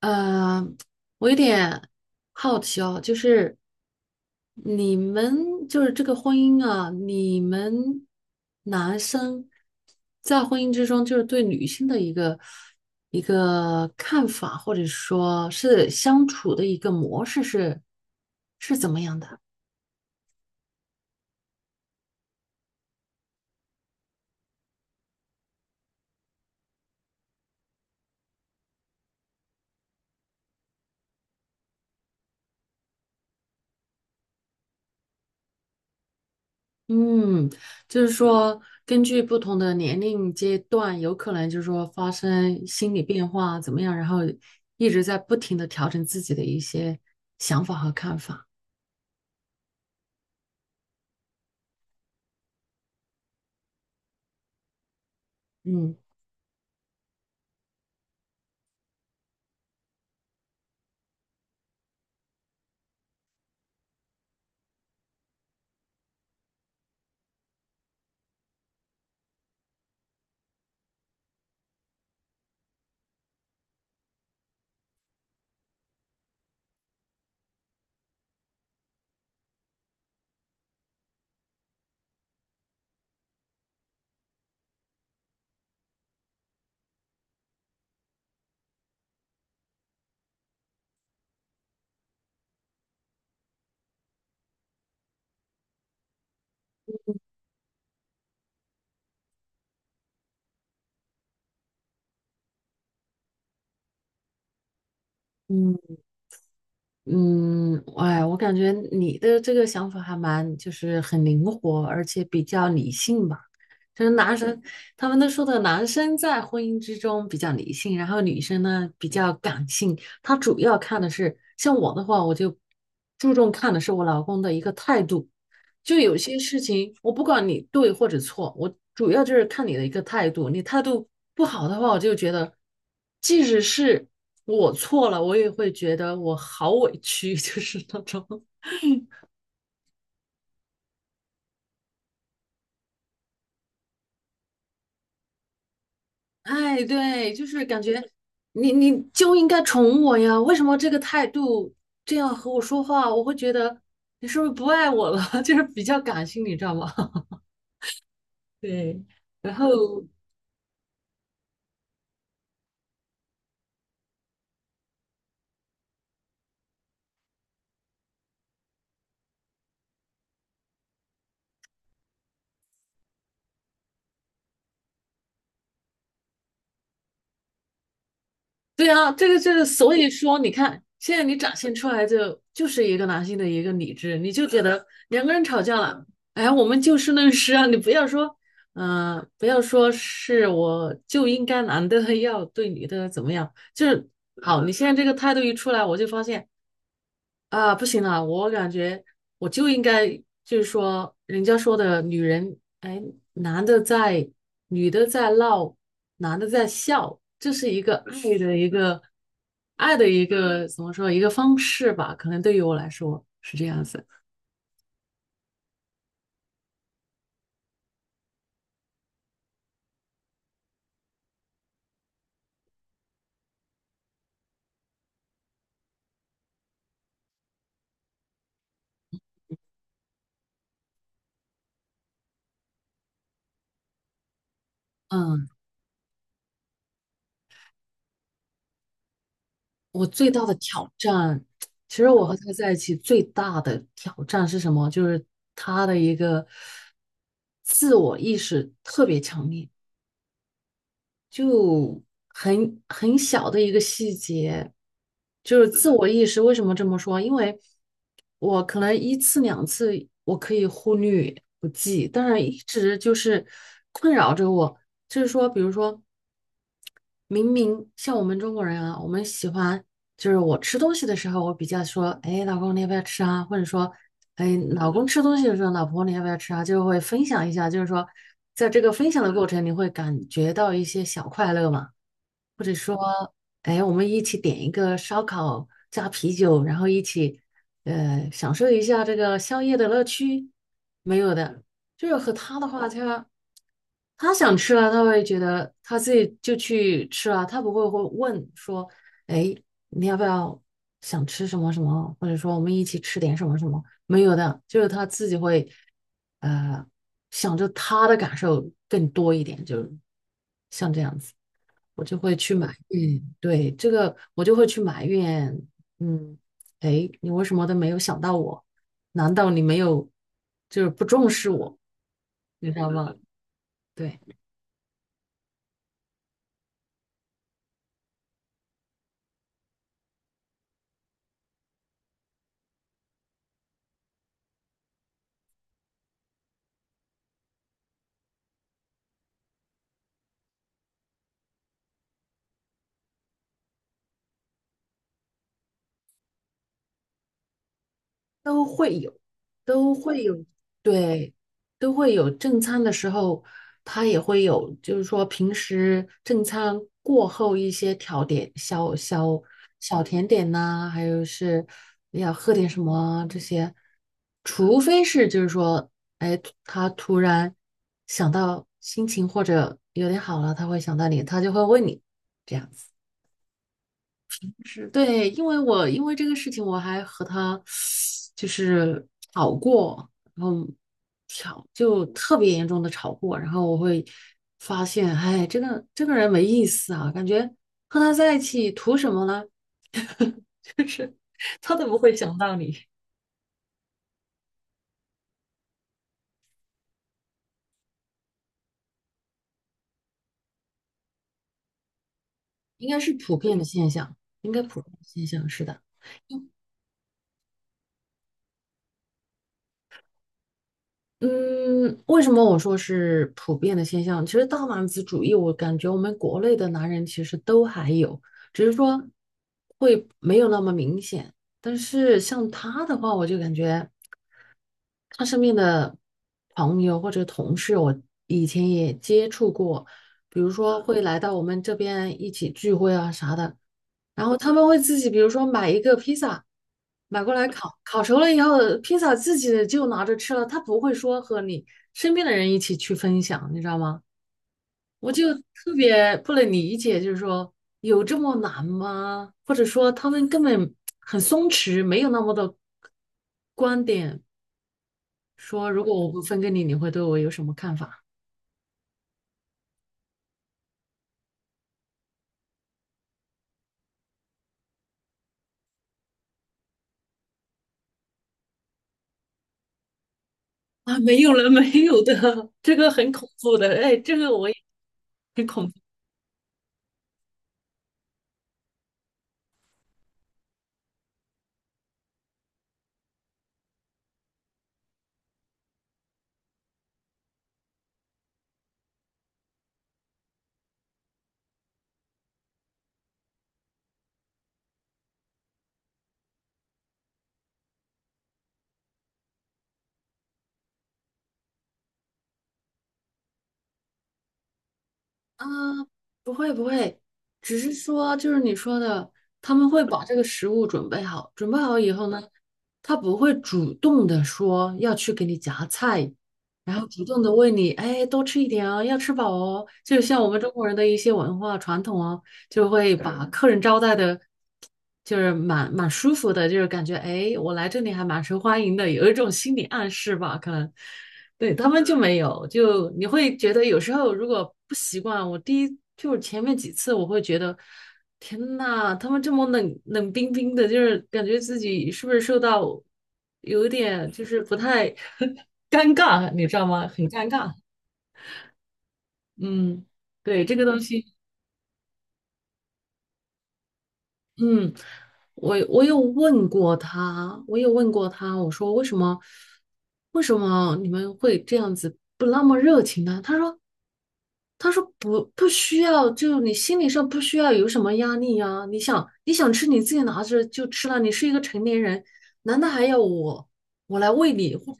呃，我有点好奇哦，就是你们就是这个婚姻啊，你们男生在婚姻之中，就是对女性的一个看法，或者说是相处的一个模式是怎么样的？嗯，就是说，根据不同的年龄阶段，有可能就是说发生心理变化怎么样，然后一直在不停的调整自己的一些想法和看法。嗯嗯，嗯，哎，我感觉你的这个想法还蛮，就是很灵活，而且比较理性吧。就是男生，他们都说的男生在婚姻之中比较理性，然后女生呢比较感性。他主要看的是，像我的话，我就注重看的是我老公的一个态度，就有些事情，我不管你对或者错，我主要就是看你的一个态度。你态度不好的话，我就觉得，即使是我错了，我也会觉得我好委屈，就是那种。哎，对，就是感觉你就应该宠我呀，为什么这个态度这样和我说话，我会觉得你是不是不爱我了？就是比较感性，你知道吗？对，然后对啊，这个就是所以说你看，现在你展现出来就是一个男性的一个理智，你就觉得 两个人吵架了，哎，我们就事论事啊，你不要说，不要说是我就应该男的要对女的怎么样，就是好，你现在这个态度一出来，我就发现啊，不行了，我感觉我就应该就是说，人家说的女人，哎，男的在，女的在闹，男的在笑，这是一个爱的一个怎么说一个方式吧？可能对于我来说是这样子。嗯，我最大的挑战，其实我和他在一起最大的挑战是什么？就是他的一个自我意识特别强烈。就很小的一个细节，就是自我意识。为什么这么说？因为我可能一次两次我可以忽略不计，但是一直就是困扰着我。就是说，比如说。明明像我们中国人啊，我们喜欢就是我吃东西的时候，我比较说，哎，老公你要不要吃啊？或者说，哎，老公吃东西的时候，老婆你要不要吃啊？就会分享一下，就是说，在这个分享的过程，你会感觉到一些小快乐嘛，或者说，哎，我们一起点一个烧烤加啤酒，然后一起享受一下这个宵夜的乐趣，没有的，就是和他的话，他。他想吃了，他会觉得他自己就去吃啊，他不会问说，哎，你要不要想吃什么什么，或者说我们一起吃点什么什么？没有的，就是他自己会，呃，想着他的感受更多一点，就像这样子，我就会去埋怨，对，这个我就会去埋怨，嗯，哎，你为什么都没有想到我？难道你没有就是不重视我？你知道吗？对。都会有，都会有，对，都会有正餐的时候，他也会有，就是说平时正餐过后一些调点，小甜点呐、还有是要喝点什么啊这些，除非是就是说，哎，他突然想到心情或者有点好了，他会想到你，他就会问你这样。是对，因为我因为这个事情，我还和他就是吵过，然后吵就特别严重的吵过，然后我会发现，哎，这个人没意思啊，感觉和他在一起图什么呢？他都不会想到你，应该是普遍的现象，应该普遍的现象，是的。嗯，为什么我说是普遍的现象？其实大男子主义，我感觉我们国内的男人其实都还有，只是说会没有那么明显。但是像他的话，我就感觉他身边的朋友或者同事，我以前也接触过，比如说会来到我们这边一起聚会啊啥的。然后他们会自己，比如说买一个披萨，买过来烤，烤熟了以后，披萨自己就拿着吃了，他不会说和你身边的人一起去分享，你知道吗？我就特别不能理解，就是说有这么难吗？或者说他们根本很松弛，没有那么的观点，说如果我不分给你，你会对我有什么看法 啊？没有了，没有的，这个很恐怖的，哎，这个我也很恐怖。啊，不会不会，只是说就是你说的，他们会把这个食物准备好，准备好以后呢，他不会主动的说要去给你夹菜，然后主动的问你，哎，多吃一点哦，要吃饱哦。就像我们中国人的一些文化传统哦，就会把客人招待的，就是蛮舒服的，就是感觉哎，我来这里还蛮受欢迎的，有一种心理暗示吧，可能。对，他们就没有，就你会觉得有时候如果不习惯，我第一就是前面几次我会觉得，天呐，他们这么冷冷冰冰的，就是感觉自己是不是受到有一点就是不太 尴尬，你知道吗？很尴尬。嗯，对，这个东西，嗯，我有问过他，我有问过他，我说为什么你们会这样子不那么热情呢？他说。他说不需要，就你心理上不需要有什么压力呀、你想吃你自己拿着就吃了，你是一个成年人，难道还要我来喂你？或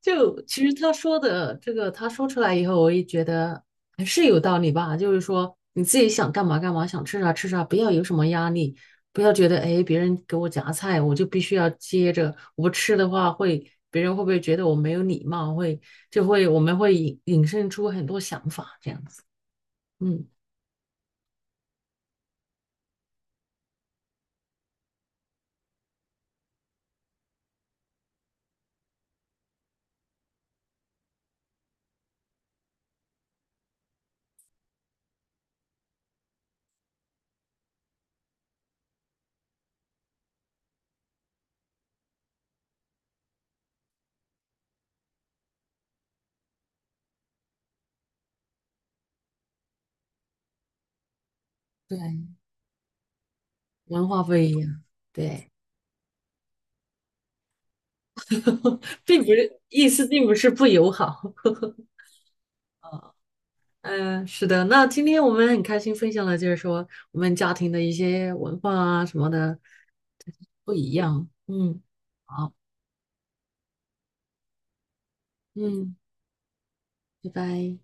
就其实他说的这个，他说出来以后，我也觉得还是有道理吧。就是说你自己想干嘛干嘛，想吃啥吃啥，不要有什么压力，不要觉得哎别人给我夹菜，我就必须要接着，我不吃的话会别人会不会觉得我没有礼貌？会就会我们会引申出很多想法这样子。嗯，对，文化不一样，对，并不是意思，并不是不友好。嗯、是的。那今天我们很开心分享了，就是说我们家庭的一些文化啊什么的不一样。嗯，好，嗯，拜拜。